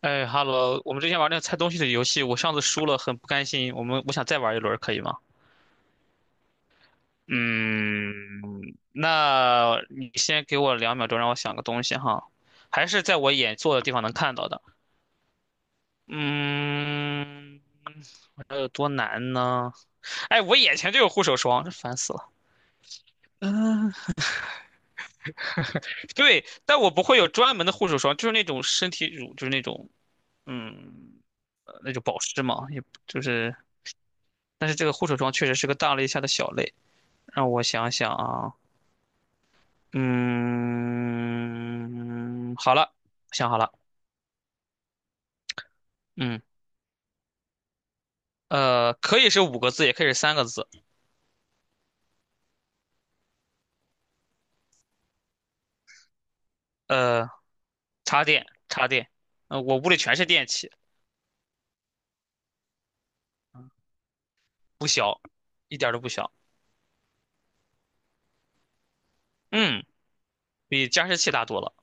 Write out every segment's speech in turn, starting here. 哎哈喽，我们之前玩那个猜东西的游戏，我上次输了，很不甘心。我想再玩一轮，可以吗？嗯，那你先给我两秒钟，让我想个东西哈，还是在我眼坐的地方能看到的。嗯，这有多难呢？哎，我眼前就有护手霜，这烦死了。嗯，对，但我不会有专门的护手霜，就是那种身体乳，就是那种嗯，那种保湿嘛，也就是，但是这个护手霜确实是个大类下的小类。让我想想啊，嗯，好了，想好了。嗯，可以是五个字，也可以是三个字。呃，插电，插电。我屋里全是电器，不小，一点儿都不小。嗯，比加湿器大多了，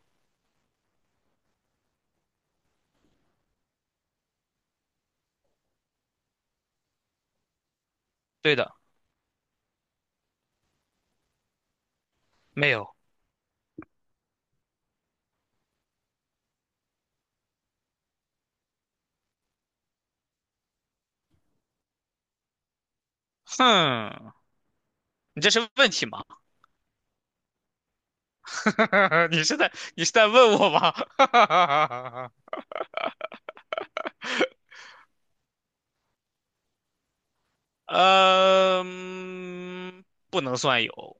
对的。没有。哼，你这是问题吗？你是在问我吗？嗯不能算有，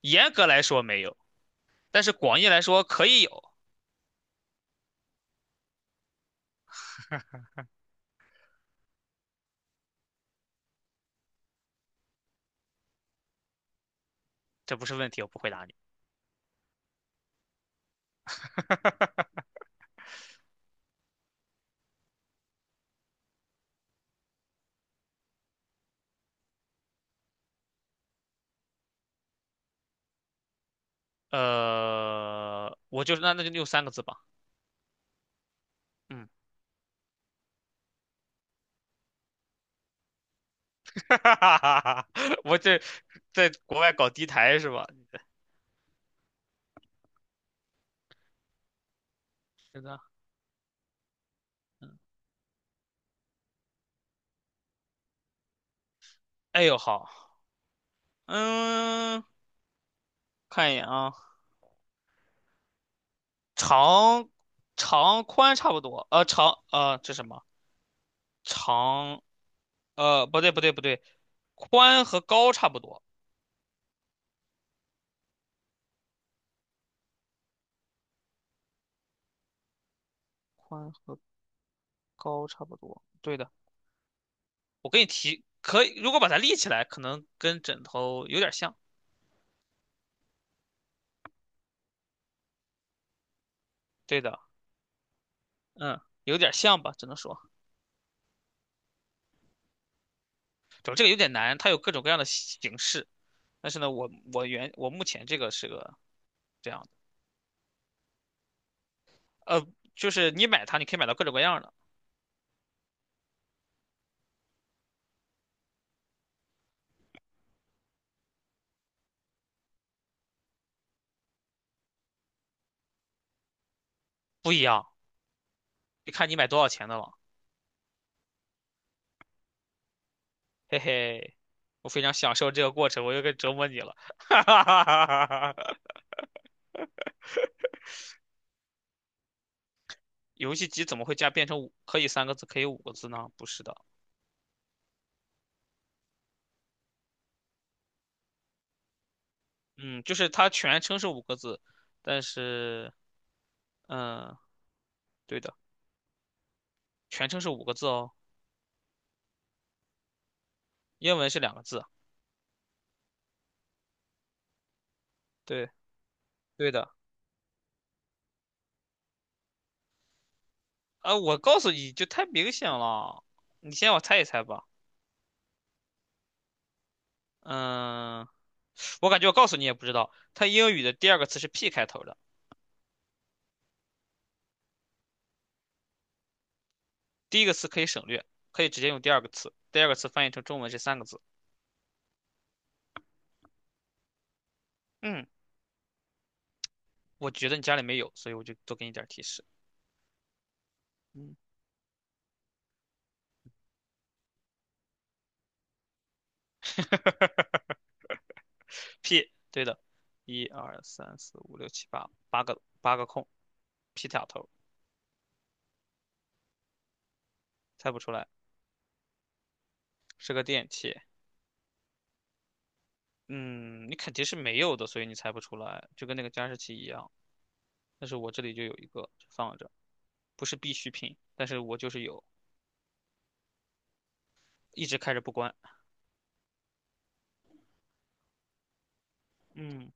严格来说没有，但是广义来说可以有。这不是问题，我不回答你。我就是那就用三个字吧。嗯，我这在国外搞低台是吧？是的。嗯，哎呦好，嗯，看一眼啊。长长宽差不多，长这什么，长不对,宽和高差不多，宽和高差不多，对的。我给你提，可以，如果把它立起来，可能跟枕头有点像，对的。嗯，有点像吧，只能说。主要这个有点难，它有各种各样的形式。但是呢，我目前这个是个这样的。呃，就是你买它，你可以买到各种各样的。不一样，你看你买多少钱的了，嘿嘿。我非常享受这个过程，我又该折磨你了，哈哈哈哈哈哈！游戏机怎么会加变成五可以三个字，可以五个字呢？不是的。嗯，就是它全称是五个字，但是，嗯，对的，全称是五个字哦，英文是两个字啊，对对的。我告诉你就太明显了，你先让我猜一猜吧。嗯，我感觉我告诉你也不知道，它英语的第二个词是 P 开头的，第一个词可以省略，可以直接用第二个词，第二个词翻译成中文是三个字。嗯，我觉得你家里没有，所以我就多给你点儿提示。嗯 ，P,对的。一二三四五六七八，八个空，P 打头，猜不出来，是个电器。嗯，你肯定是没有的，所以你猜不出来，就跟那个加湿器一样。但是我这里就有一个放着，不是必需品，但是我就是有，一直开着不关。嗯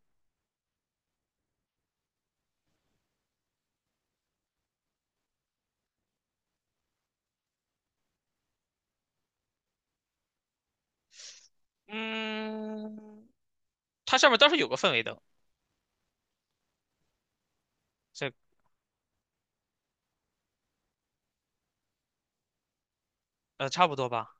嗯,它上面倒是有个氛围灯，这差不多吧。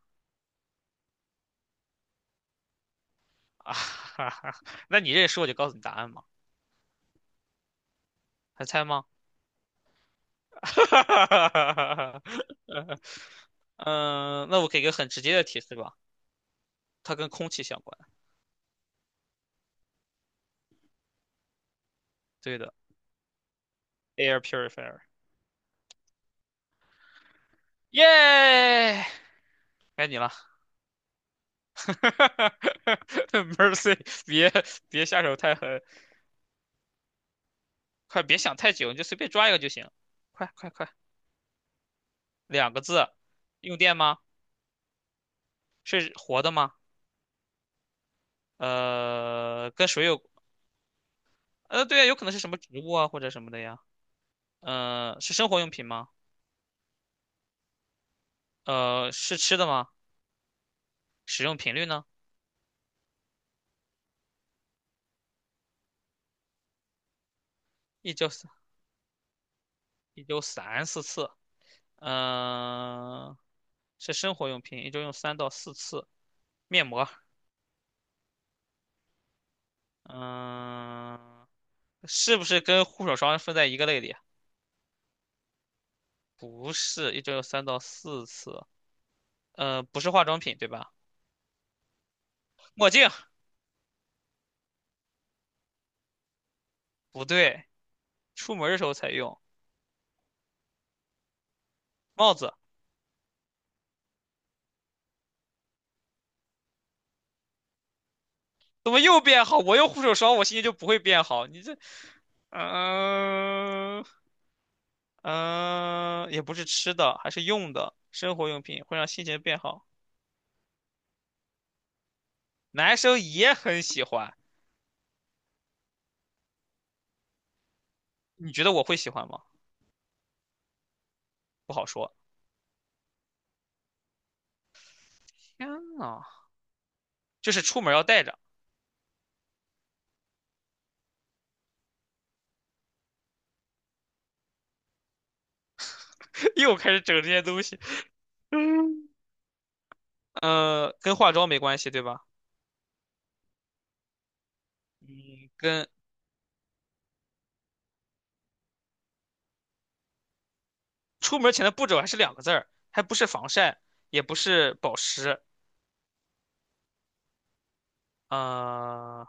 啊哈哈，那你认识我就告诉你答案嘛，还猜吗？哈哈哈哈哈。嗯，那我给个很直接的提示吧，它跟空气相关。对的，air purifier。耶，该你了 ，Mercy,别别下手太狠。快别想太久，你就随便抓一个就行。快快快，两个字，用电吗？是活的吗？跟水有，对啊，有可能是什么植物啊或者什么的呀。是生活用品吗？是吃的吗？使用频率呢？一周三一周三四次。嗯、是生活用品，一周用三到四次。面膜。嗯、是不是跟护手霜分在一个类里啊？不是，一周有三到四次。不是化妆品，对吧？墨镜，不对，出门的时候才用。帽子，怎么又变好？我用护手霜，我心情就不会变好。你这，嗯、嗯、也不是吃的，还是用的，生活用品会让心情变好。男生也很喜欢，你觉得我会喜欢吗？不好说。天呐，就是出门要带着。又开始整这些东西。嗯，跟化妆没关系，对吧？嗯，跟出门前的步骤还是两个字儿，还不是防晒，也不是保湿，呃，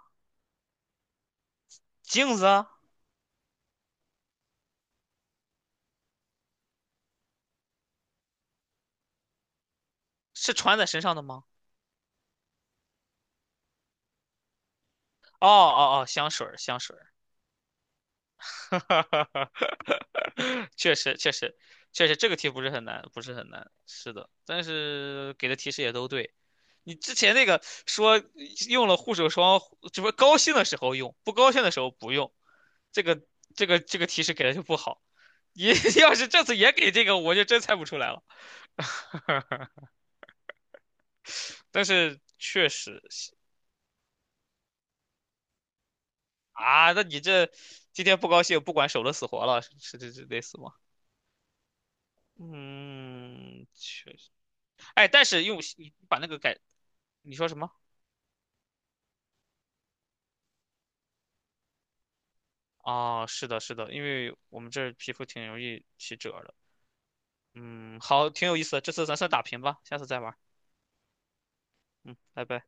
镜子啊，是穿在身上的吗？哦哦哦，香水儿，香水儿，确实确实，这个题不是很难，不是很难，是的，但是给的提示也都对。你之前那个说用了护手霜，只不过高兴的时候用，不高兴的时候不用，这个这个提示给的就不好。你 要是这次也给这个，我就真猜不出来了。但是确实啊，那你这今天不高兴，不管守了死活了，是这类似吗？嗯，确实。哎，但是用你把那个改，你说什么？啊，是的，是的，因为我们这儿皮肤挺容易起褶儿的。嗯，好，挺有意思的，这次咱算打平吧，下次再玩儿。嗯，拜拜。